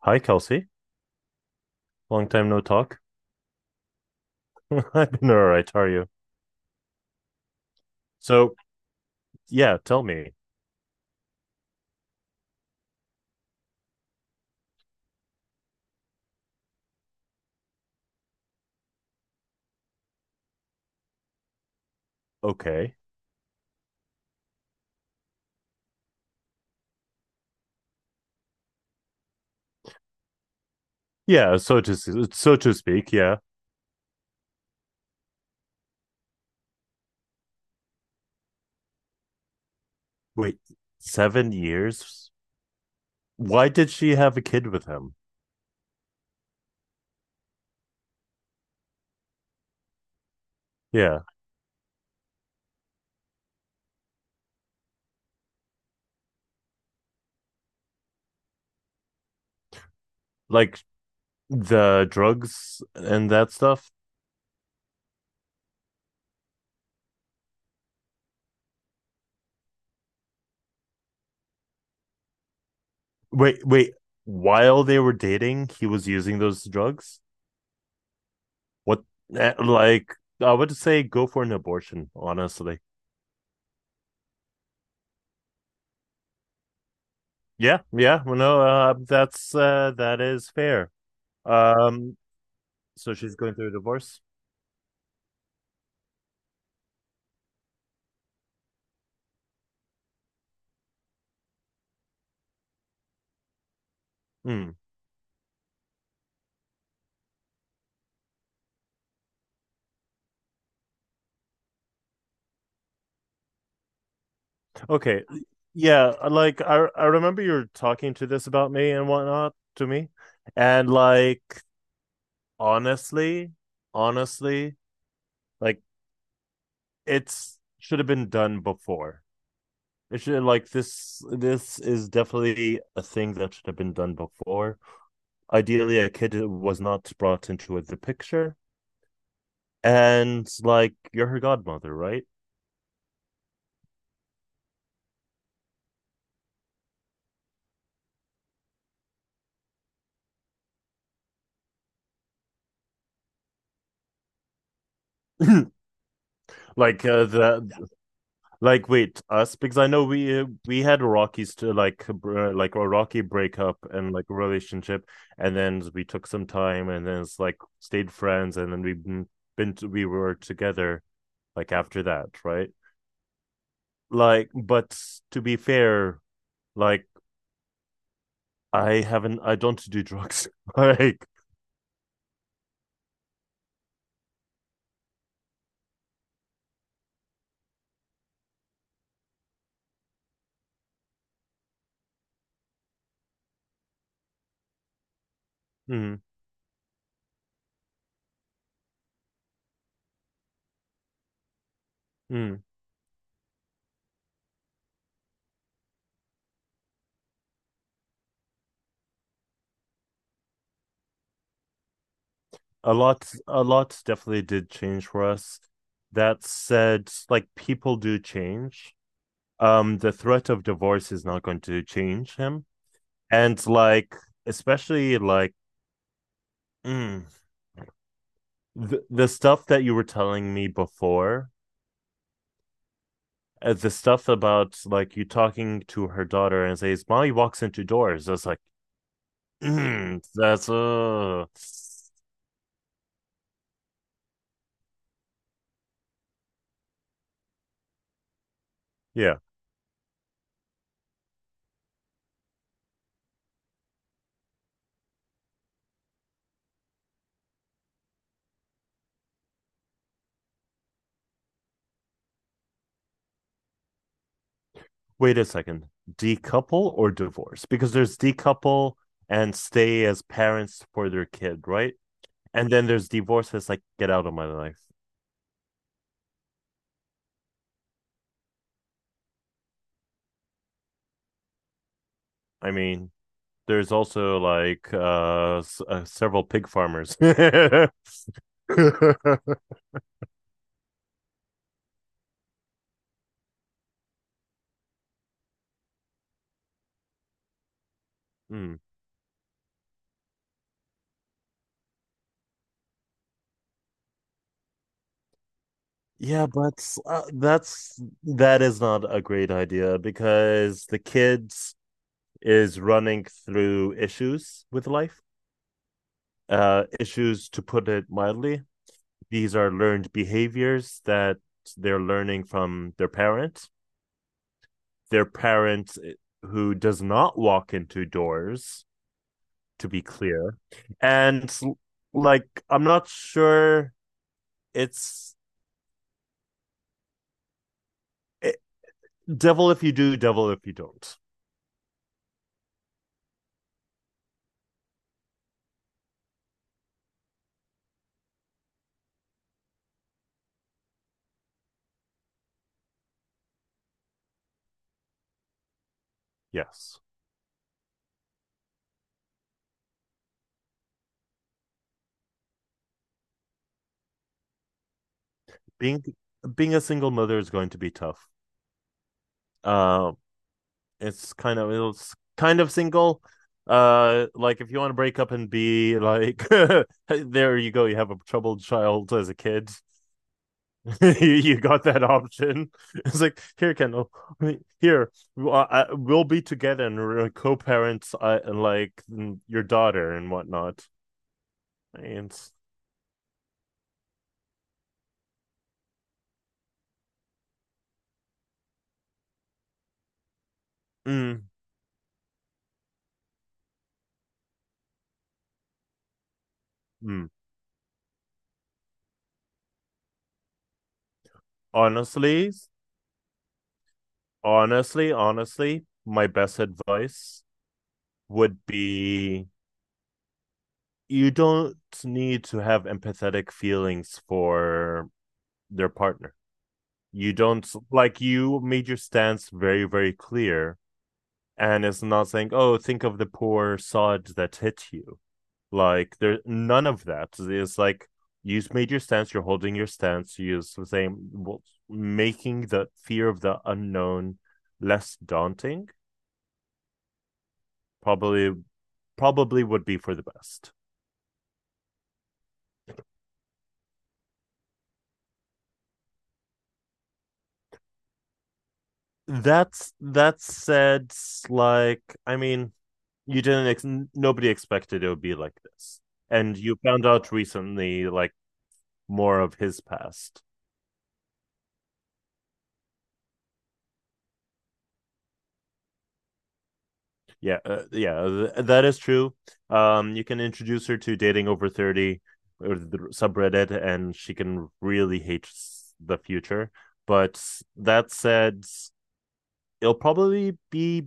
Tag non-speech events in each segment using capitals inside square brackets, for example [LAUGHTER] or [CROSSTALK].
Hi, Kelsey. Long time no talk. [LAUGHS] I've been all right. How are you? So, yeah, tell me. Okay. Yeah, so so to speak. Yeah. Wait, 7 years? Why did she have a kid with him? Yeah, like the drugs and that stuff. Wait, wait. While they were dating, he was using those drugs. What? Like, I would say go for an abortion. Honestly. Yeah, yeah. Well, no, that's that is fair. Um, So she's going through a divorce. Hmm. Okay. Yeah, like I remember you were talking to this about me and whatnot to me, and like honestly, honestly, like it's should have been done before. It should like this. This is definitely a thing that should have been done before. Ideally, a kid was not brought into the picture, and like you're her godmother, right? [LAUGHS] like the Like, wait, us because I know we had Rockies to like a rocky breakup and like relationship, and then we took some time, and then it's like stayed friends, and then we've been to, we were together like after that, right? Like, but to be fair, like I don't do drugs. [LAUGHS] like, mm, mm. A lot, a lot definitely did change for us. That said, like people do change. Um, the threat of divorce is not going to change him, and like especially mm, the stuff that you were telling me before, the stuff about like you talking to her daughter and says mommy walks into doors. That's like that's yeah. Wait a second, decouple or divorce? Because there's decouple and stay as parents for their kid, right? And then there's divorce that's like get out of my life. I mean, there's also several pig farmers. [LAUGHS] Hmm. Yeah, but that's that is not a great idea because the kids is running through issues with life. Uh, issues to put it mildly. These are learned behaviors that they're learning from their parents. Their parents who does not walk into doors, to be clear. And like I'm not sure it's it, devil if you do, devil if you don't. Yes. Being being a single mother is going to be tough. Uh, it's it's kind of single. Like if you want to break up and be like, [LAUGHS] there you go, you have a troubled child as a kid. [LAUGHS] You got that option. It's like here, Kendall. Here, we'll be together and we're co-parents, your daughter and whatnot. And mm, mm. honestly, honestly, honestly, my best advice would be you don't need to have empathetic feelings for their partner. You don't like you made your stance very, very clear, and it's not saying, "Oh, think of the poor sod that hit you." Like there's none of that. It's like you've made your stance, you're holding your stance, you're saying, well, making the fear of the unknown less daunting. Probably, probably would be for the best. That's that said, like I mean, you didn't ex- nobody expected it would be like this, and you found out recently, like more of his past. Yeah, yeah, that is true. You can introduce her to dating over 30 or the subreddit, and she can really hate the future. But that said, it'll probably be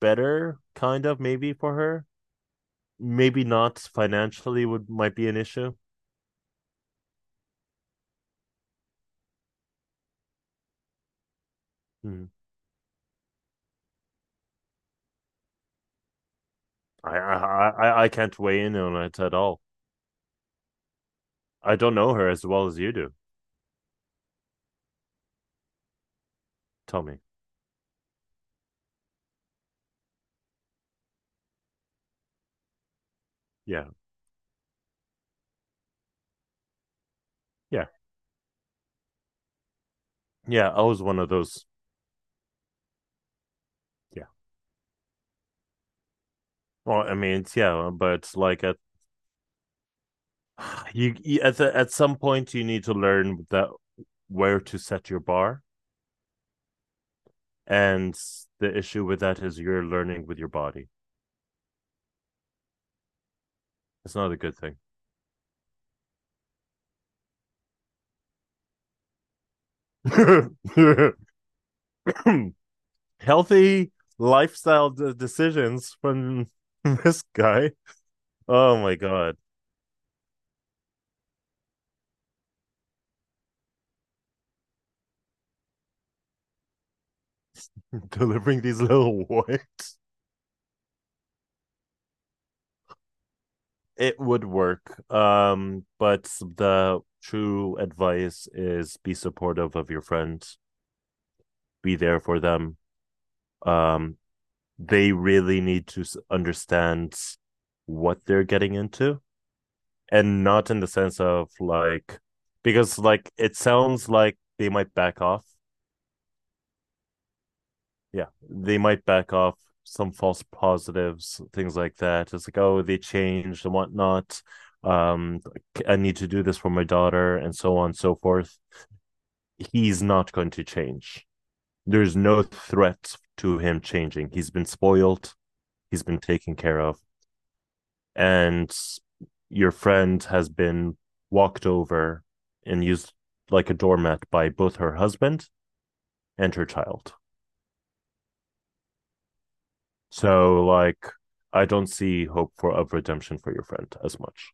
better, kind of, maybe for her. Maybe not financially would might be an issue. Hmm. I can't weigh in on it at all. I don't know her as well as you do. Tell me. Yeah, yeah, yeah. I was one of those. Yeah. Well, I mean, it's- yeah, but like at [SIGHS] you at at some point you need to learn that where to set your bar, and the issue with that is you're learning with your body. It's not a good thing. [LAUGHS] Healthy lifestyle decisions from [LAUGHS] this guy. Oh my god, delivering these little warts. It would work. But the true advice is be supportive of your friends, be there for them. Um, they really need to understand what they're getting into, and not in the sense of like, because like it sounds like they might back off. Yeah, they might back off some false positives, things like that. It's like, oh, they changed and whatnot. Um, like, I need to do this for my daughter and so on and so forth. He's not going to change. There's no threat to him changing. He's been spoiled, he's been taken care of, and your friend has been walked over and used like a doormat by both her husband and her child. So like I don't see hope for of redemption for your friend as much.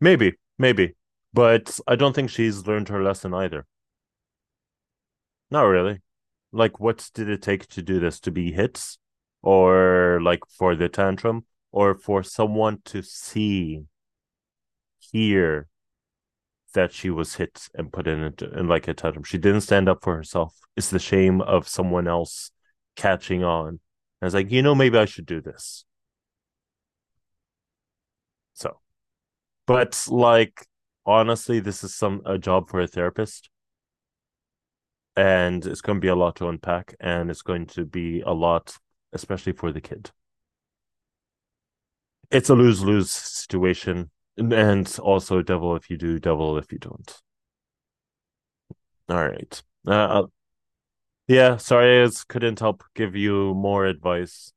Maybe, maybe. But I don't think she's learned her lesson either. Not really. Like what did it take to do this? To be hit, or like for the tantrum? Or for someone to see, hear, that she was hit and put in, a, in like a totem. She didn't stand up for herself. It's the shame of someone else catching on. And I was like, you know, maybe I should do this. So, but like, honestly, this is some a job for a therapist, and it's going to be a lot to unpack, and it's going to be a lot, especially for the kid. It's a lose lose situation, and also devil if you do, devil if you don't. All right. Uh, uh, yeah, sorry, I couldn't help give you more advice.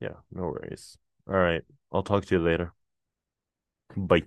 Yeah, no worries. All right. I'll talk to you later. Bye.